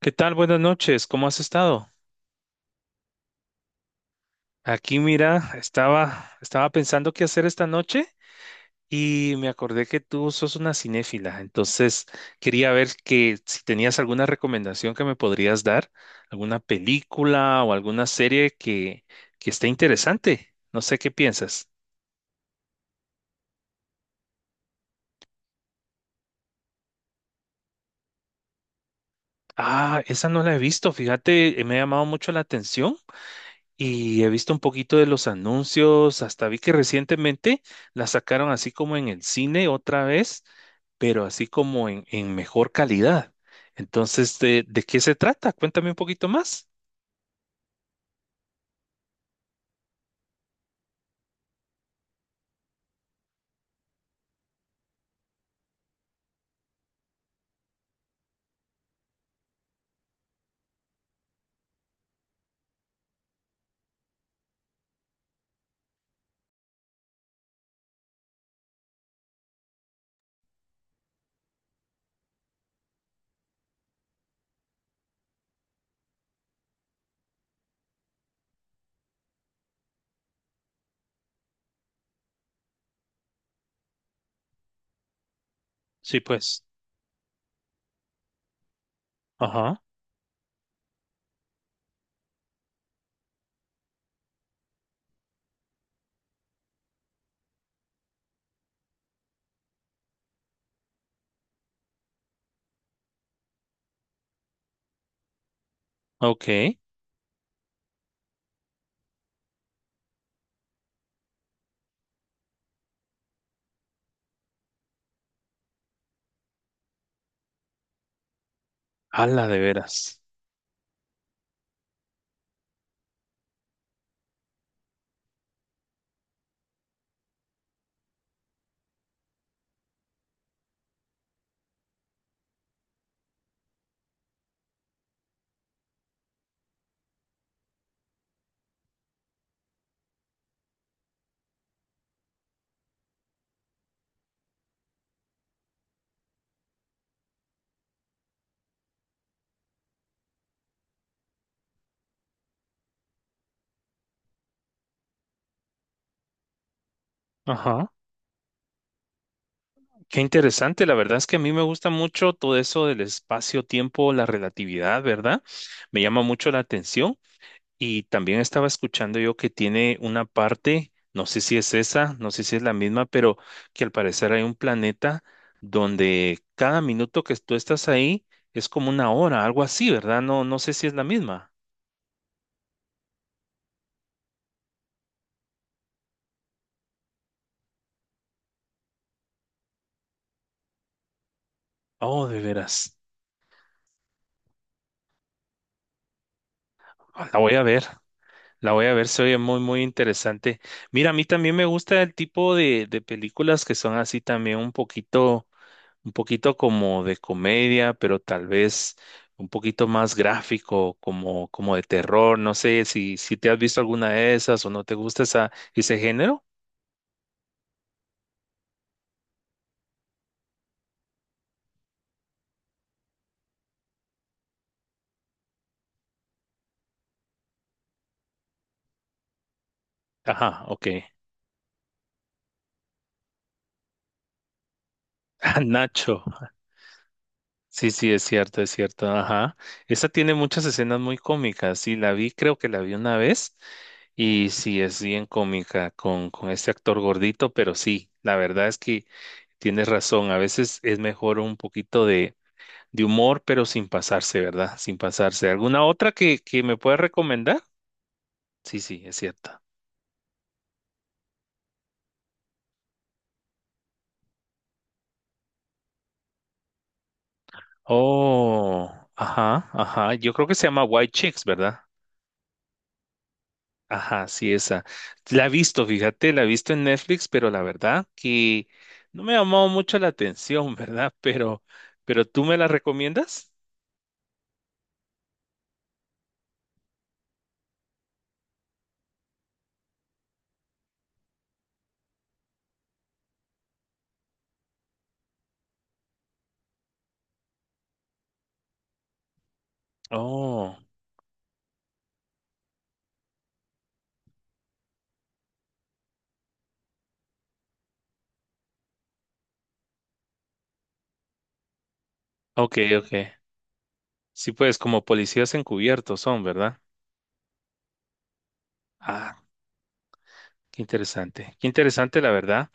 ¿Qué tal? Buenas noches. ¿Cómo has estado? Aquí, mira, estaba pensando qué hacer esta noche y me acordé que tú sos una cinéfila. Entonces, quería ver que si tenías alguna recomendación que me podrías dar, alguna película o alguna serie que esté interesante. No sé qué piensas. Ah, esa no la he visto. Fíjate, me ha llamado mucho la atención. Y he visto un poquito de los anuncios, hasta vi que recientemente la sacaron así como en el cine otra vez, pero así como en mejor calidad. Entonces, ¿ de qué se trata? Cuéntame un poquito más. Sí, pues. Ajá. Ok. Ala, de veras. Ajá. Qué interesante. La verdad es que a mí me gusta mucho todo eso del espacio-tiempo, la relatividad, ¿verdad? Me llama mucho la atención. Y también estaba escuchando yo que tiene una parte, no sé si es esa, no sé si es la misma, pero que al parecer hay un planeta donde cada minuto que tú estás ahí es como una hora, algo así, ¿verdad? No, no sé si es la misma. Oh, de veras. Ah, la voy a ver, la voy a ver, se oye muy, muy interesante. Mira, a mí también me gusta el tipo de películas que son así también un poquito como de comedia, pero tal vez un poquito más gráfico, como, como de terror. No sé si te has visto alguna de esas o no te gusta esa, ese género. Ajá, ok. Ah, Nacho. Sí, sí, es cierto, es cierto. Ajá. Esa tiene muchas escenas muy cómicas. Sí, la vi, creo que la vi una vez. Y sí, es bien cómica con este actor gordito, pero sí, la verdad es que tienes razón. A veces es mejor un poquito de humor, pero sin pasarse, ¿verdad? Sin pasarse. ¿Alguna otra que me puedas recomendar? Sí, sí, es cierta. Oh, ajá, ajá. Yo creo que se llama White Chicks, ¿verdad? Ajá, sí, esa. La he visto, fíjate, la he visto en Netflix, pero la verdad que no me ha llamado mucho la atención, ¿verdad? Pero ¿tú me la recomiendas? Oh, ok, ok. Sí, pues como policías encubiertos son, ¿verdad? Ah, qué interesante. Qué interesante, la verdad.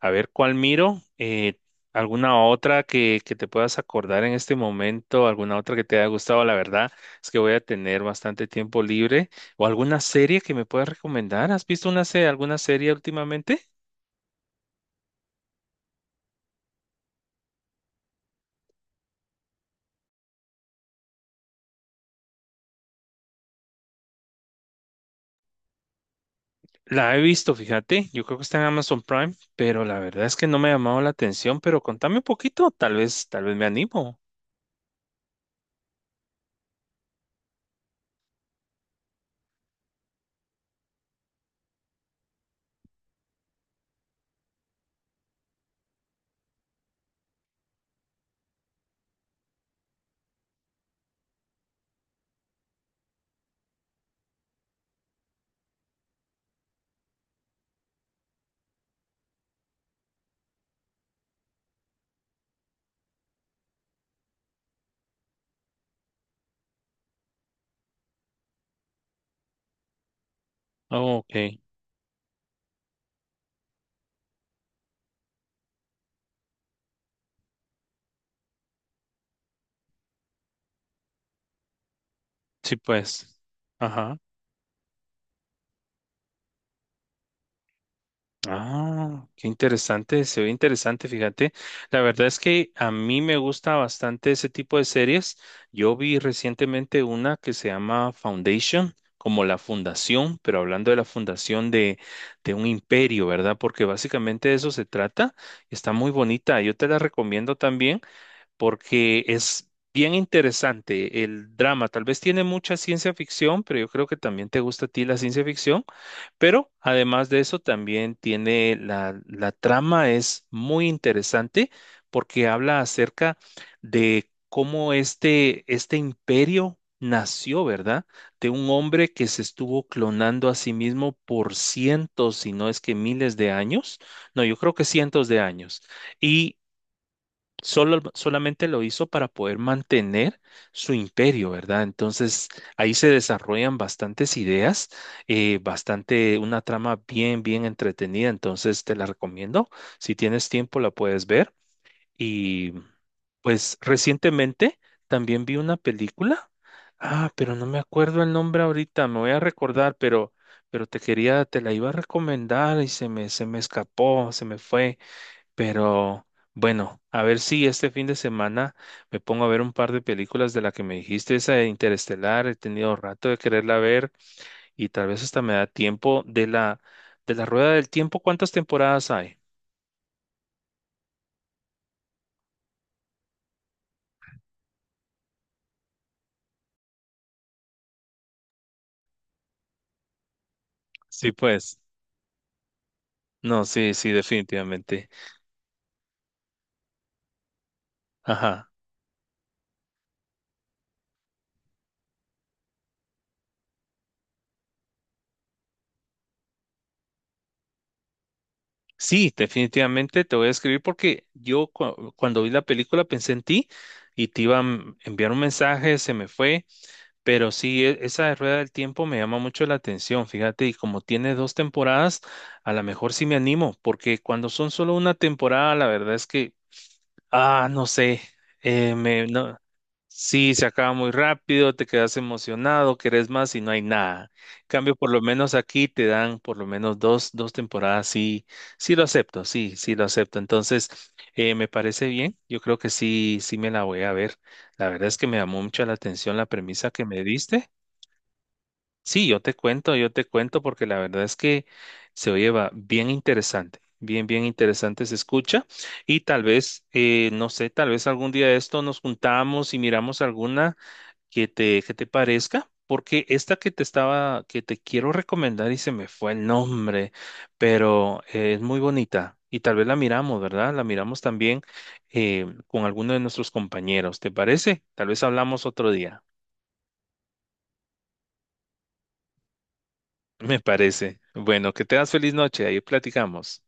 A ver, ¿cuál miro? ¿Alguna otra que te puedas acordar en este momento? ¿Alguna otra que te haya gustado? La verdad es que voy a tener bastante tiempo libre. ¿O alguna serie que me puedas recomendar? ¿Has visto una serie, alguna serie últimamente? La he visto, fíjate. Yo creo que está en Amazon Prime, pero la verdad es que no me ha llamado la atención. Pero contame un poquito, tal vez me animo. Oh, ok. Sí, pues. Ajá. Ah, qué interesante, se ve interesante, fíjate. La verdad es que a mí me gusta bastante ese tipo de series. Yo vi recientemente una que se llama Foundation, como la fundación, pero hablando de la fundación de un imperio, ¿verdad? Porque básicamente de eso se trata. Está muy bonita, yo te la recomiendo también porque es bien interesante el drama. Tal vez tiene mucha ciencia ficción, pero yo creo que también te gusta a ti la ciencia ficción. Pero además de eso, también tiene la trama, es muy interesante porque habla acerca de cómo este imperio nació, ¿verdad? De un hombre que se estuvo clonando a sí mismo por cientos, si no es que miles de años. No, yo creo que cientos de años. Y solamente lo hizo para poder mantener su imperio, ¿verdad? Entonces ahí se desarrollan bastantes ideas, bastante, una trama bien, bien entretenida, entonces te la recomiendo. Si tienes tiempo la puedes ver. Y pues recientemente también vi una película, ah, pero no me acuerdo el nombre ahorita, me voy a recordar, pero... Pero te quería, te la iba a recomendar y se me escapó, se me fue. Pero bueno, a ver si este fin de semana me pongo a ver un par de películas de la que me dijiste, esa de Interestelar, he tenido rato de quererla ver y tal vez hasta me da tiempo de la Rueda del Tiempo, ¿cuántas temporadas hay? Sí, pues. No, sí, sí, definitivamente. Ajá. Sí, definitivamente te voy a escribir porque yo cu- cuando vi la película pensé en ti y te iba a m- enviar un mensaje, se me fue. Pero sí, e- esa de Rueda del Tiempo me llama mucho la atención, fíjate, y como tiene dos temporadas, a lo mejor sí me animo, porque cuando son solo una temporada, la verdad es que ah, no sé. No. Sí, se acaba muy rápido, te quedas emocionado, querés más y no hay nada. En cambio, por lo menos aquí te dan por lo menos dos temporadas. Sí, sí lo acepto, sí, sí lo acepto. Entonces, me parece bien. Yo creo que sí, sí me la voy a ver. La verdad es que me llamó mucho la atención la premisa que me diste. Sí, yo te cuento porque la verdad es que se oye va bien interesante, bien, bien interesante se escucha y tal vez, no sé, tal vez algún día de esto nos juntamos y miramos alguna que te parezca, porque esta que te quiero recomendar y se me fue el nombre, pero es muy bonita y tal vez la miramos, ¿verdad? La miramos también con alguno de nuestros compañeros, ¿te parece? Tal vez hablamos otro día. Me parece. Bueno, que tengas feliz noche. Ahí platicamos.